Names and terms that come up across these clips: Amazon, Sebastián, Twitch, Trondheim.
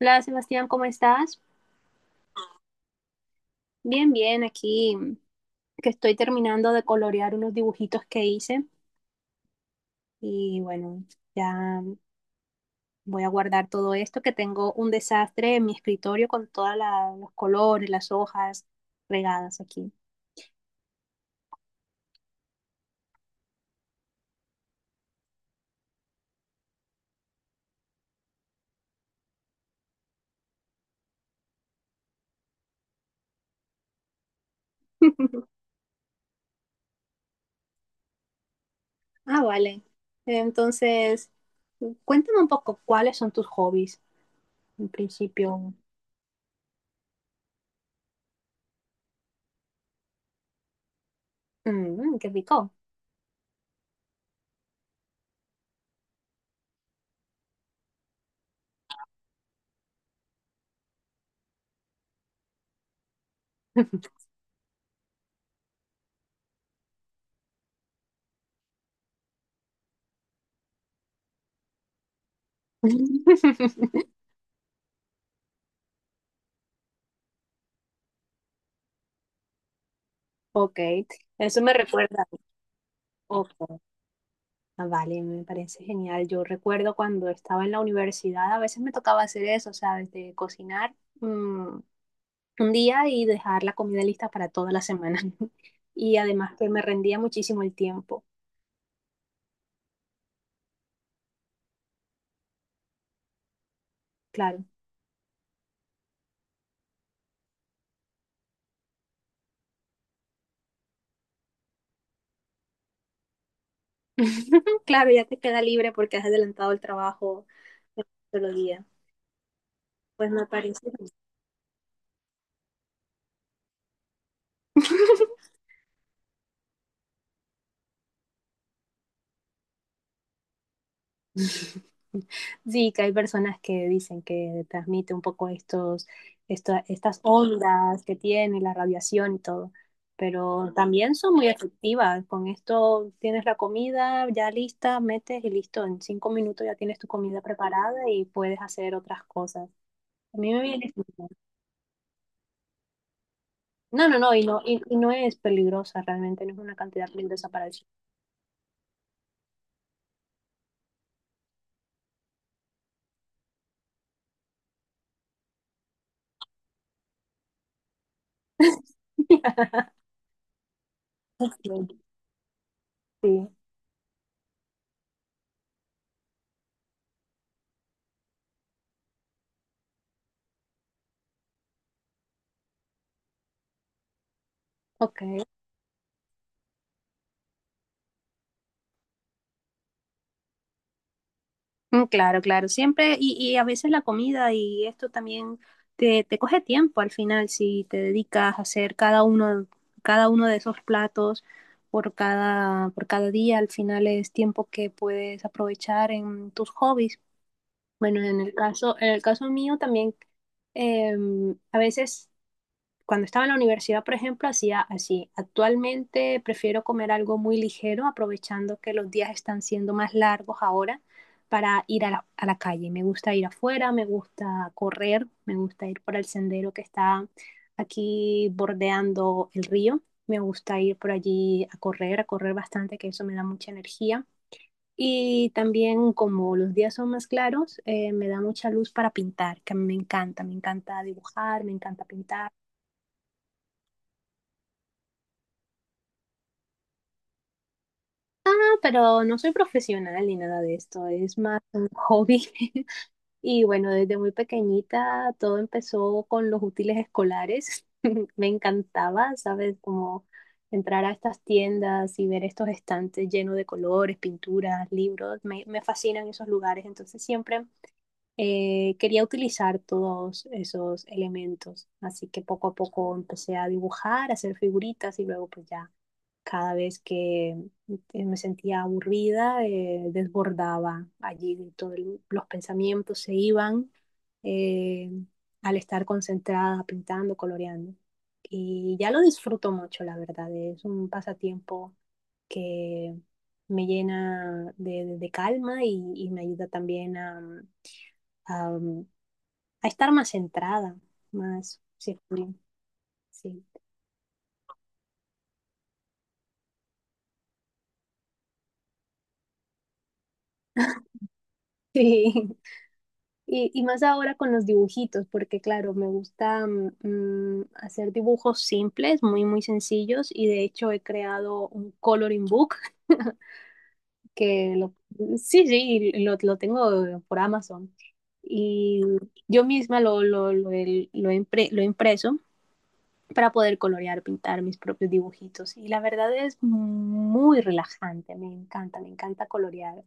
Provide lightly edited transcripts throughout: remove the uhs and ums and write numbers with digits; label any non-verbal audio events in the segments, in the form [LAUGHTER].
Hola Sebastián, ¿cómo estás? Bien, bien, aquí que estoy terminando de colorear unos dibujitos que hice y bueno, ya voy a guardar todo esto que tengo un desastre en mi escritorio con todos los colores, las hojas regadas aquí. [LAUGHS] Ah, vale. Entonces, cuéntame un poco cuáles son tus hobbies en principio. Mm, qué rico. [LAUGHS] Ok, eso me recuerda. Ok. Ah, vale, me parece genial. Yo recuerdo cuando estaba en la universidad, a veces me tocaba hacer eso, ¿sabes? De cocinar mm, un día y dejar la comida lista para toda la semana. [LAUGHS] Y además que me rendía muchísimo el tiempo, claro. [LAUGHS] Claro, ya te queda libre porque has adelantado el trabajo de un solo día. Pues me parece. [LAUGHS] [LAUGHS] Sí, que hay personas que dicen que transmite un poco estos estas ondas que tiene la radiación y todo, pero también son muy efectivas. Con esto tienes la comida ya lista, metes y listo. En 5 minutos ya tienes tu comida preparada y puedes hacer otras cosas. A mí me viene- No, no, no, y no es peligrosa realmente, no es una cantidad peligrosa para el [LAUGHS] Sí, ok. Mm, claro, claro, siempre, a veces la comida y esto también te coge tiempo al final si te dedicas a hacer cada uno de esos platos por cada día, al final es tiempo que puedes aprovechar en tus hobbies. Bueno, en el caso mío también, a veces cuando estaba en la universidad, por ejemplo, hacía así. Actualmente prefiero comer algo muy ligero, aprovechando que los días están siendo más largos ahora para ir a la calle. Me gusta ir afuera, me gusta correr, me gusta ir por el sendero que está aquí bordeando el río. Me gusta ir por allí a correr bastante, que eso me da mucha energía. Y también como los días son más claros, me da mucha luz para pintar, que a mí me encanta dibujar, me encanta pintar pero no soy profesional ni nada de esto, es más un hobby. [LAUGHS] Y bueno, desde muy pequeñita todo empezó con los útiles escolares. [LAUGHS] Me encantaba, ¿sabes? Como entrar a estas tiendas y ver estos estantes llenos de colores, pinturas, libros. Me fascinan esos lugares, entonces siempre quería utilizar todos esos elementos. Así que poco a poco empecé a dibujar, a hacer figuritas y luego pues ya cada vez que me sentía aburrida, desbordaba allí, todos los pensamientos se iban eh, al estar concentrada, pintando, coloreando. Y ya lo disfruto mucho, la verdad. Es un pasatiempo que me llena de calma y, me ayuda también a, a estar más centrada, más, sí, sí. [LAUGHS] Sí. Y más ahora con los dibujitos, porque claro, me gusta hacer dibujos simples, muy, muy sencillos, y de hecho he creado un coloring book [LAUGHS] que sí, sí, lo tengo por Amazon. Y yo misma lo he impreso para poder colorear, pintar mis propios dibujitos. Y la verdad es muy relajante, me encanta colorear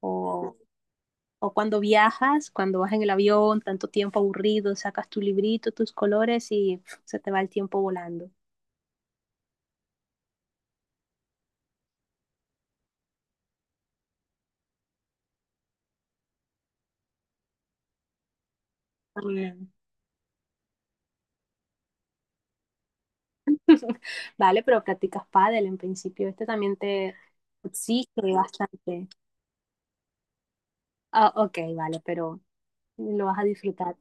o o cuando viajas, cuando vas en el avión, tanto tiempo aburrido, sacas tu librito, tus colores y pf, se te va el tiempo volando. También. [LAUGHS] Vale, pero practicas pádel en principio. Este también te exige bastante. Ah, ok, vale, pero lo vas a disfrutar.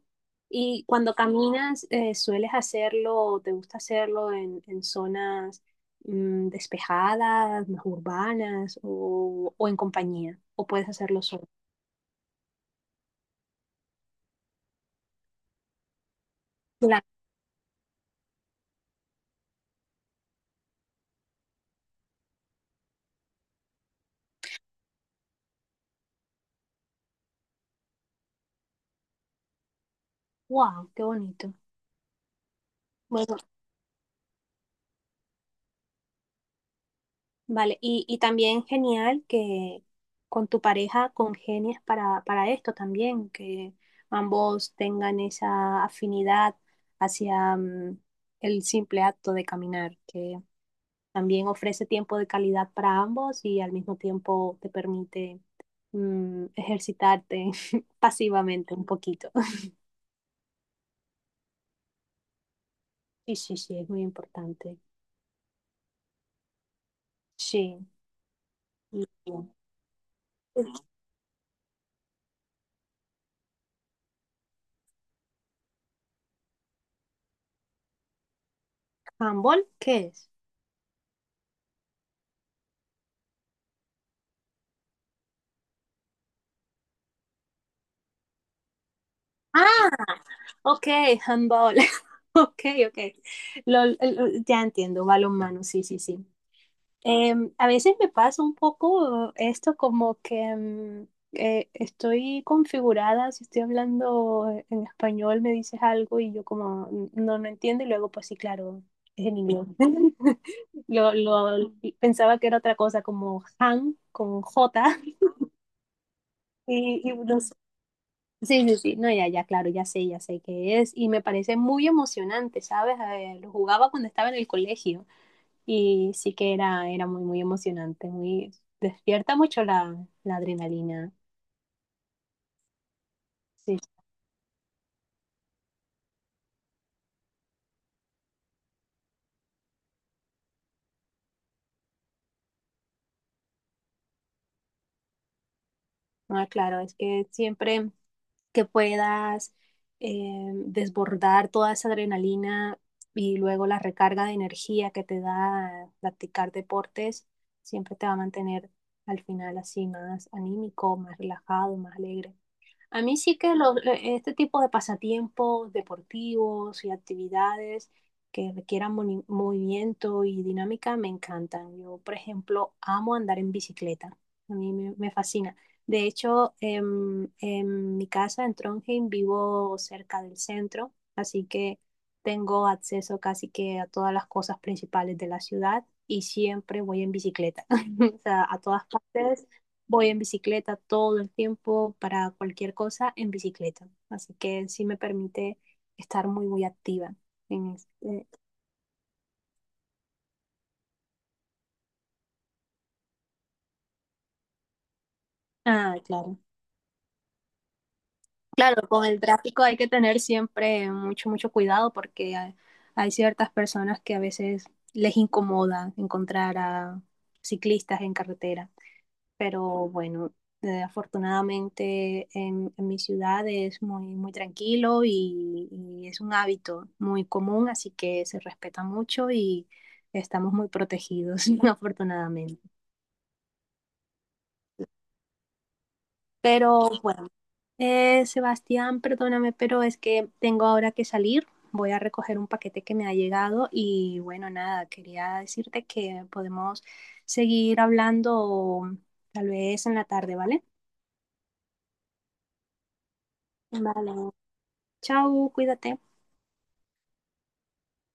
Y cuando caminas, ¿sueles hacerlo o te gusta hacerlo en, zonas despejadas, más urbanas o en compañía? ¿O puedes hacerlo solo? Claro. ¡Wow! ¡Qué bonito! Bueno, vale, y también genial que con tu pareja congenies para esto también, que ambos tengan esa afinidad hacia el simple acto de caminar, que también ofrece tiempo de calidad para ambos y al mismo tiempo te permite ejercitarte [LAUGHS] pasivamente un poquito. Sí, sí, sí, es muy importante. Sí. Y, y- ¿Handball qué es? Ah, ok, handball. [LAUGHS] Ok, ok. Lol, ya entiendo, balonmano, sí, sí, sí. Em, a veces me pasa un poco esto como que estoy configurada, si estoy hablando en español me dices algo y yo como no, no entiendo y luego pues sí, claro, es en inglés. [LAUGHS] Lo- pensaba que era otra cosa como han con J [LAUGHS] y, y no Sí, sí, sí, no, ya, ya, claro, ya sé qué es y me parece muy emocionante, ¿sabes? Lo jugaba cuando estaba en el colegio y sí que era muy, muy emocionante, muy, despierta mucho la adrenalina. Sí, ah, claro, es que siempre que puedas desbordar toda esa adrenalina y luego la recarga de energía que te da practicar deportes, siempre te va a mantener al final así más anímico, más relajado, más alegre. A mí sí que lo- Este tipo de pasatiempos deportivos y actividades que requieran movimiento y dinámica me encantan. Yo, por ejemplo, amo andar en bicicleta. A mí me fascina. De hecho, en mi casa en Trondheim vivo cerca del centro, así que tengo acceso casi que a todas las cosas principales de la ciudad y siempre voy en bicicleta. [LAUGHS] O sea, a todas partes. Voy en bicicleta todo el tiempo para cualquier cosa en bicicleta. Así que sí me permite estar muy, muy activa. en este- Ah, claro. Claro, con el tráfico hay que tener siempre mucho, mucho cuidado porque hay ciertas personas que a veces les incomoda encontrar a ciclistas en carretera. Pero bueno, afortunadamente en, mi ciudad es muy, muy tranquilo y, es un hábito muy común, así que se respeta mucho y estamos muy protegidos, [LAUGHS] afortunadamente. Pero bueno, Sebastián, perdóname, pero es que tengo ahora que salir. Voy a recoger un paquete que me ha llegado y bueno, nada, quería decirte que podemos seguir hablando tal vez en la tarde, ¿vale? Vale. Chao, cuídate.